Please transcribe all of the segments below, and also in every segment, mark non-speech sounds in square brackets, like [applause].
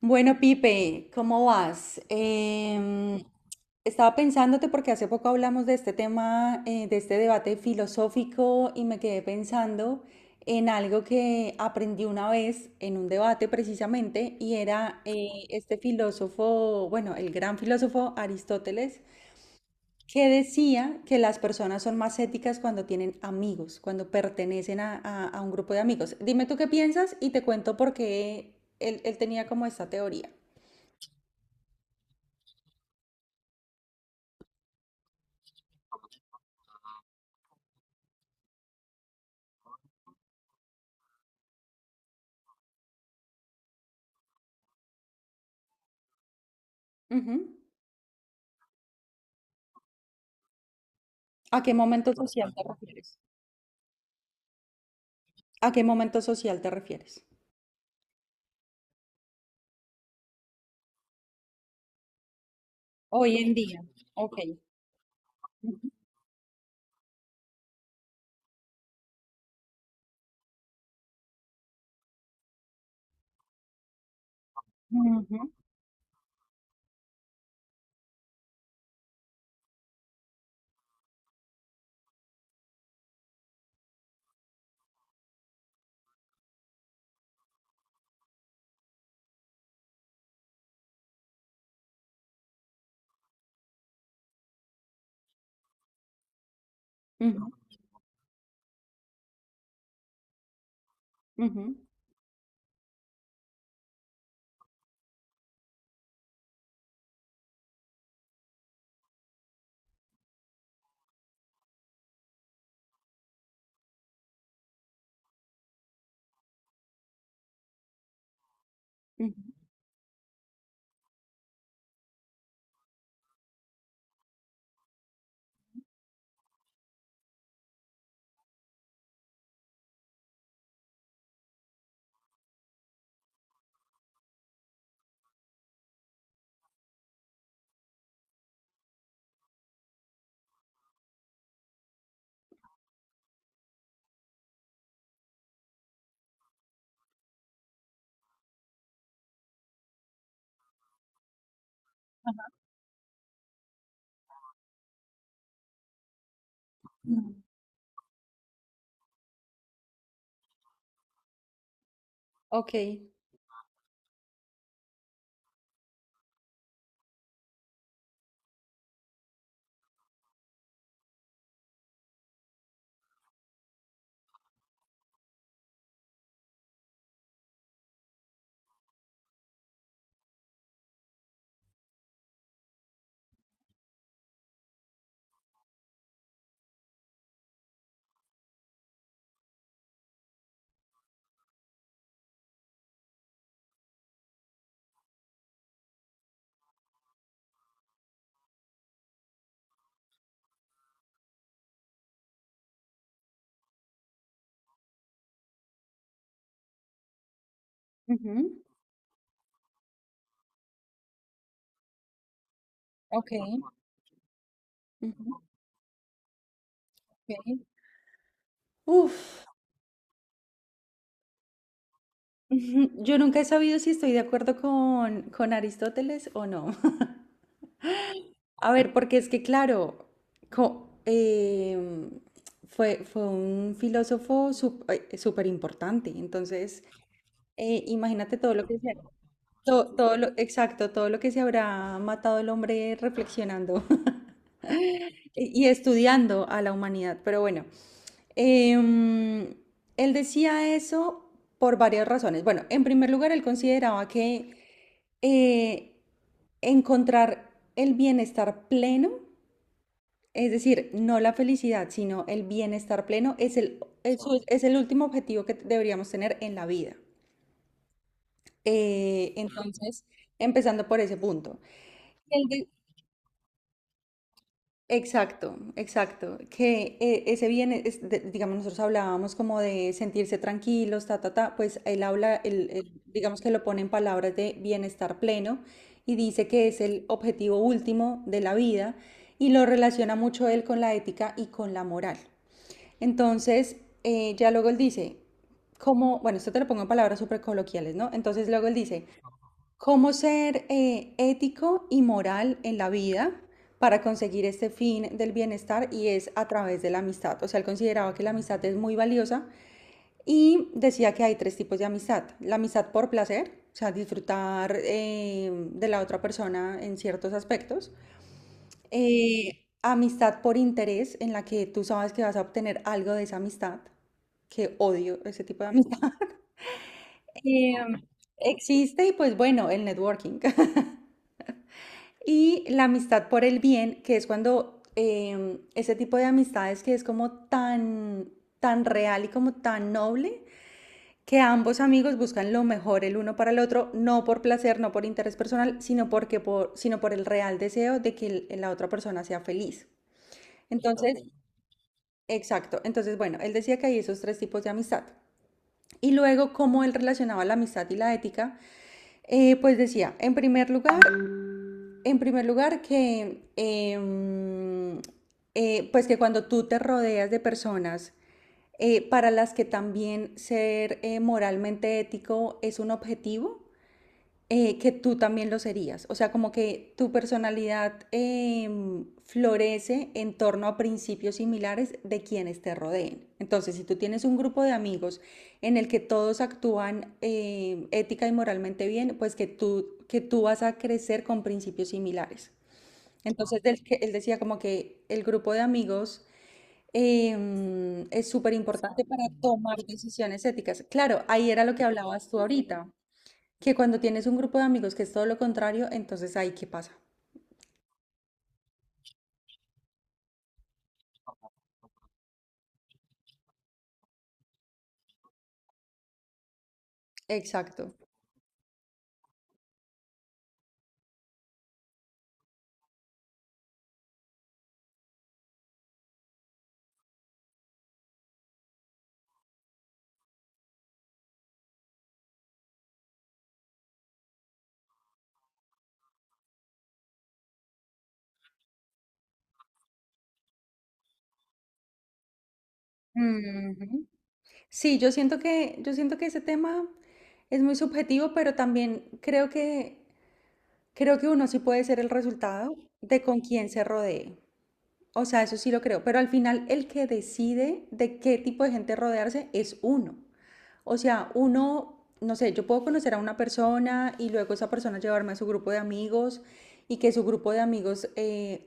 Bueno, Pipe, ¿cómo vas? Estaba pensándote porque hace poco hablamos de este tema, de este debate filosófico y me quedé pensando en algo que aprendí una vez en un debate precisamente y era este filósofo, bueno, el gran filósofo Aristóteles, que decía que las personas son más éticas cuando tienen amigos, cuando pertenecen a un grupo de amigos. Dime tú qué piensas y te cuento por qué él tenía como esta teoría. Ujú. ¿A qué momento social te refieres? ¿A qué momento social te refieres? Hoy en día. Ok. Ujú, ujú, ujú, ujú, ujú, ujú. Ok, ujú, ok, ujú, ok. Uf. [laughs] Yo nunca he sabido si estoy de acuerdo con Aristóteles o no. [laughs] A ver, porque es que, claro, co- em, fue un filósofo súper importante. Entonces, imagínate todo lo que se todo lo, exacto, todo lo que se habrá matado el hombre reflexionando [laughs] y estudiando a la humanidad. Pero bueno, em, él decía eso por varias razones. Bueno, en primer lugar, él consideraba que eh, encontrar el bienestar pleno, es decir, no la felicidad, sino el bienestar pleno, es el, es el último objetivo que deberíamos tener en la vida. Entonces, empezando por ese punto. Exacto, exacto. Que ese bien, es digamos, nosotros hablábamos como de sentirse tranquilos, ta, ta, ta, pues él habla, él, digamos que lo pone en palabras de bienestar pleno y dice que es el objetivo último de la vida y lo relaciona mucho él con la ética y con la moral. Entonces, ya luego él dice, como, bueno, esto te lo pongo en palabras súper coloquiales, ¿no? Entonces luego él dice, ¿cómo ser ético y moral en la vida para conseguir este fin del bienestar? Y es a través de la amistad. O sea, él consideraba que la amistad es muy valiosa y decía que hay tres tipos de amistad. La amistad por placer, o sea, disfrutar de la otra persona en ciertos aspectos. Amistad por interés, en la que tú sabes que vas a obtener algo de esa amistad, que odio ese tipo de amistad. [laughs] Em, Existe y pues bueno, el networking. [laughs] Y la amistad por el bien, que es cuando ese tipo de amistades que es como tan, tan real y como tan noble, que ambos amigos buscan lo mejor el uno para el otro, no por placer, no por interés personal, sino, sino por el real deseo de que la otra persona sea feliz. Entonces, ok, exacto. Entonces, bueno, él decía que hay esos tres tipos de amistad. Y luego, cómo él relacionaba la amistad y la ética, pues decía, en primer lugar, que, pues que cuando tú te rodeas de personas para las que también ser moralmente ético es un objetivo, que tú también lo serías. O sea, como que tu personalidad florece en torno a principios similares de quienes te rodeen. Entonces, si tú tienes un grupo de amigos en el que todos actúan ética y moralmente bien, pues que tú vas a crecer con principios similares. Entonces él, él decía como que el grupo de amigos es súper importante para tomar decisiones éticas. Claro, ahí era lo que hablabas tú ahorita, que cuando tienes un grupo de amigos que es todo lo contrario, entonces ahí qué pasa. Exacto. Ujú. Sí, yo siento que ese tema es muy subjetivo, pero también creo que uno sí puede ser el resultado de con quién se rodee. O sea, eso sí lo creo, pero al final el que decide de qué tipo de gente rodearse es uno. O sea, uno, no sé, yo puedo conocer a una persona y luego esa persona llevarme a su grupo de amigos y que su grupo de amigos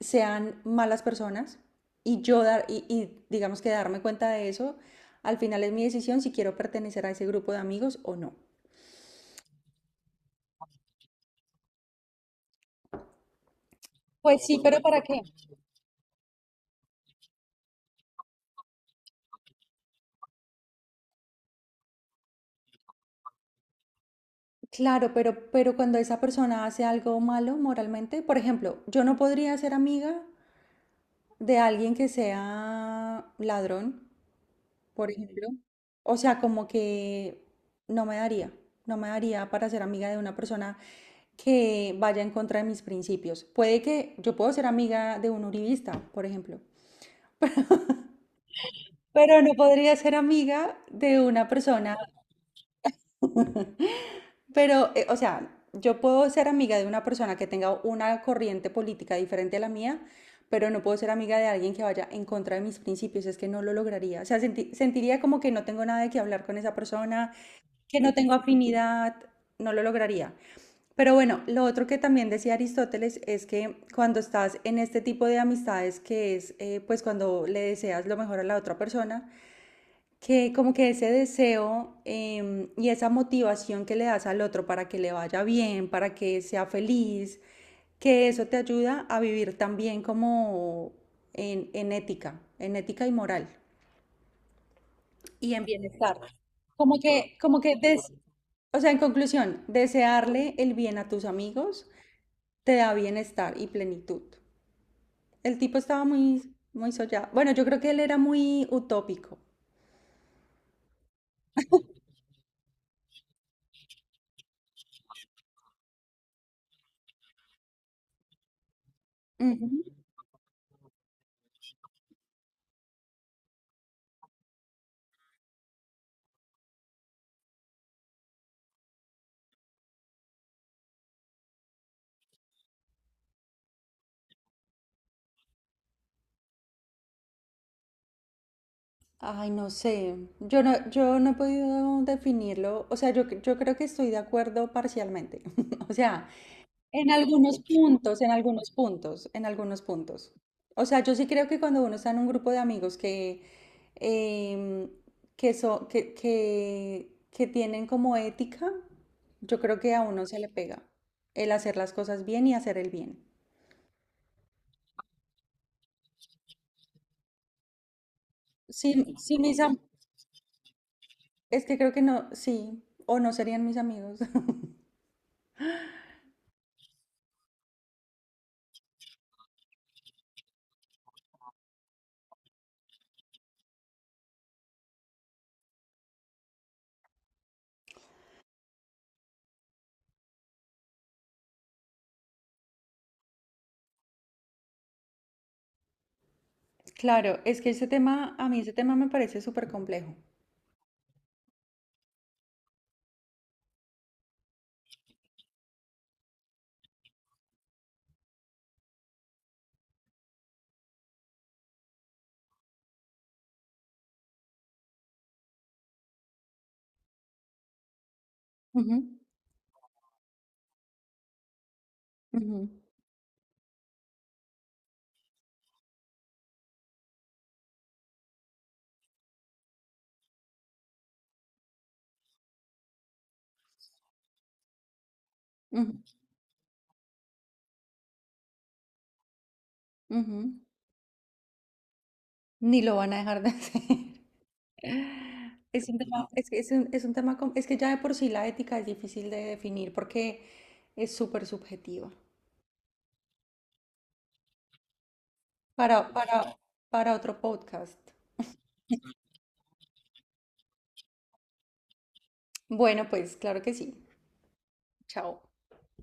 sean malas personas y y digamos que darme cuenta de eso, al final es mi decisión si quiero pertenecer a ese grupo de amigos o no. Pues sí, pero ¿para qué? Claro, pero cuando esa persona hace algo malo moralmente, por ejemplo, yo no podría ser amiga de alguien que sea ladrón, por ejemplo. O sea, como que no me daría, no me daría para ser amiga de una persona que vaya en contra de mis principios. Puede que yo puedo ser amiga de un uribista, por ejemplo, pero no podría ser amiga de una persona. Pero, o sea, yo puedo ser amiga de una persona que tenga una corriente política diferente a la mía, pero no puedo ser amiga de alguien que vaya en contra de mis principios, es que no lo lograría. O sea, sentiría como que no tengo nada de qué hablar con esa persona, que no tengo afinidad, no lo lograría. Pero bueno, lo otro que también decía Aristóteles es que cuando estás en este tipo de amistades, que es pues cuando le deseas lo mejor a la otra persona, que como que ese deseo y esa motivación que le das al otro para que le vaya bien, para que sea feliz, que eso te ayuda a vivir también como en ética, en ética y moral y en bienestar. Como que, o sea, en conclusión, desearle el bien a tus amigos te da bienestar y plenitud. El tipo estaba muy, muy soñado. Bueno, yo creo que él era muy utópico. Ay, no sé. Yo no he podido definirlo. O sea, yo creo que estoy de acuerdo parcialmente. [laughs] O sea, en algunos puntos, en algunos puntos, en algunos puntos. O sea, yo sí creo que cuando uno está en un grupo de amigos que, em, que tienen como ética, yo creo que a uno se le pega el hacer las cosas bien y hacer el bien. Sí, sí, es que creo que no, sí, o no serían mis amigos. Claro, es que ese tema, a mí ese tema me parece súper complejo. Ujú, ujú, ujú, ujú. Ni lo van a dejar de hacer. [laughs] Es un tema, es que es un tema, es que ya de por sí la ética es difícil de definir porque es súper subjetiva. Para, para, para otro podcast. Bueno, pues claro que sí. Chao.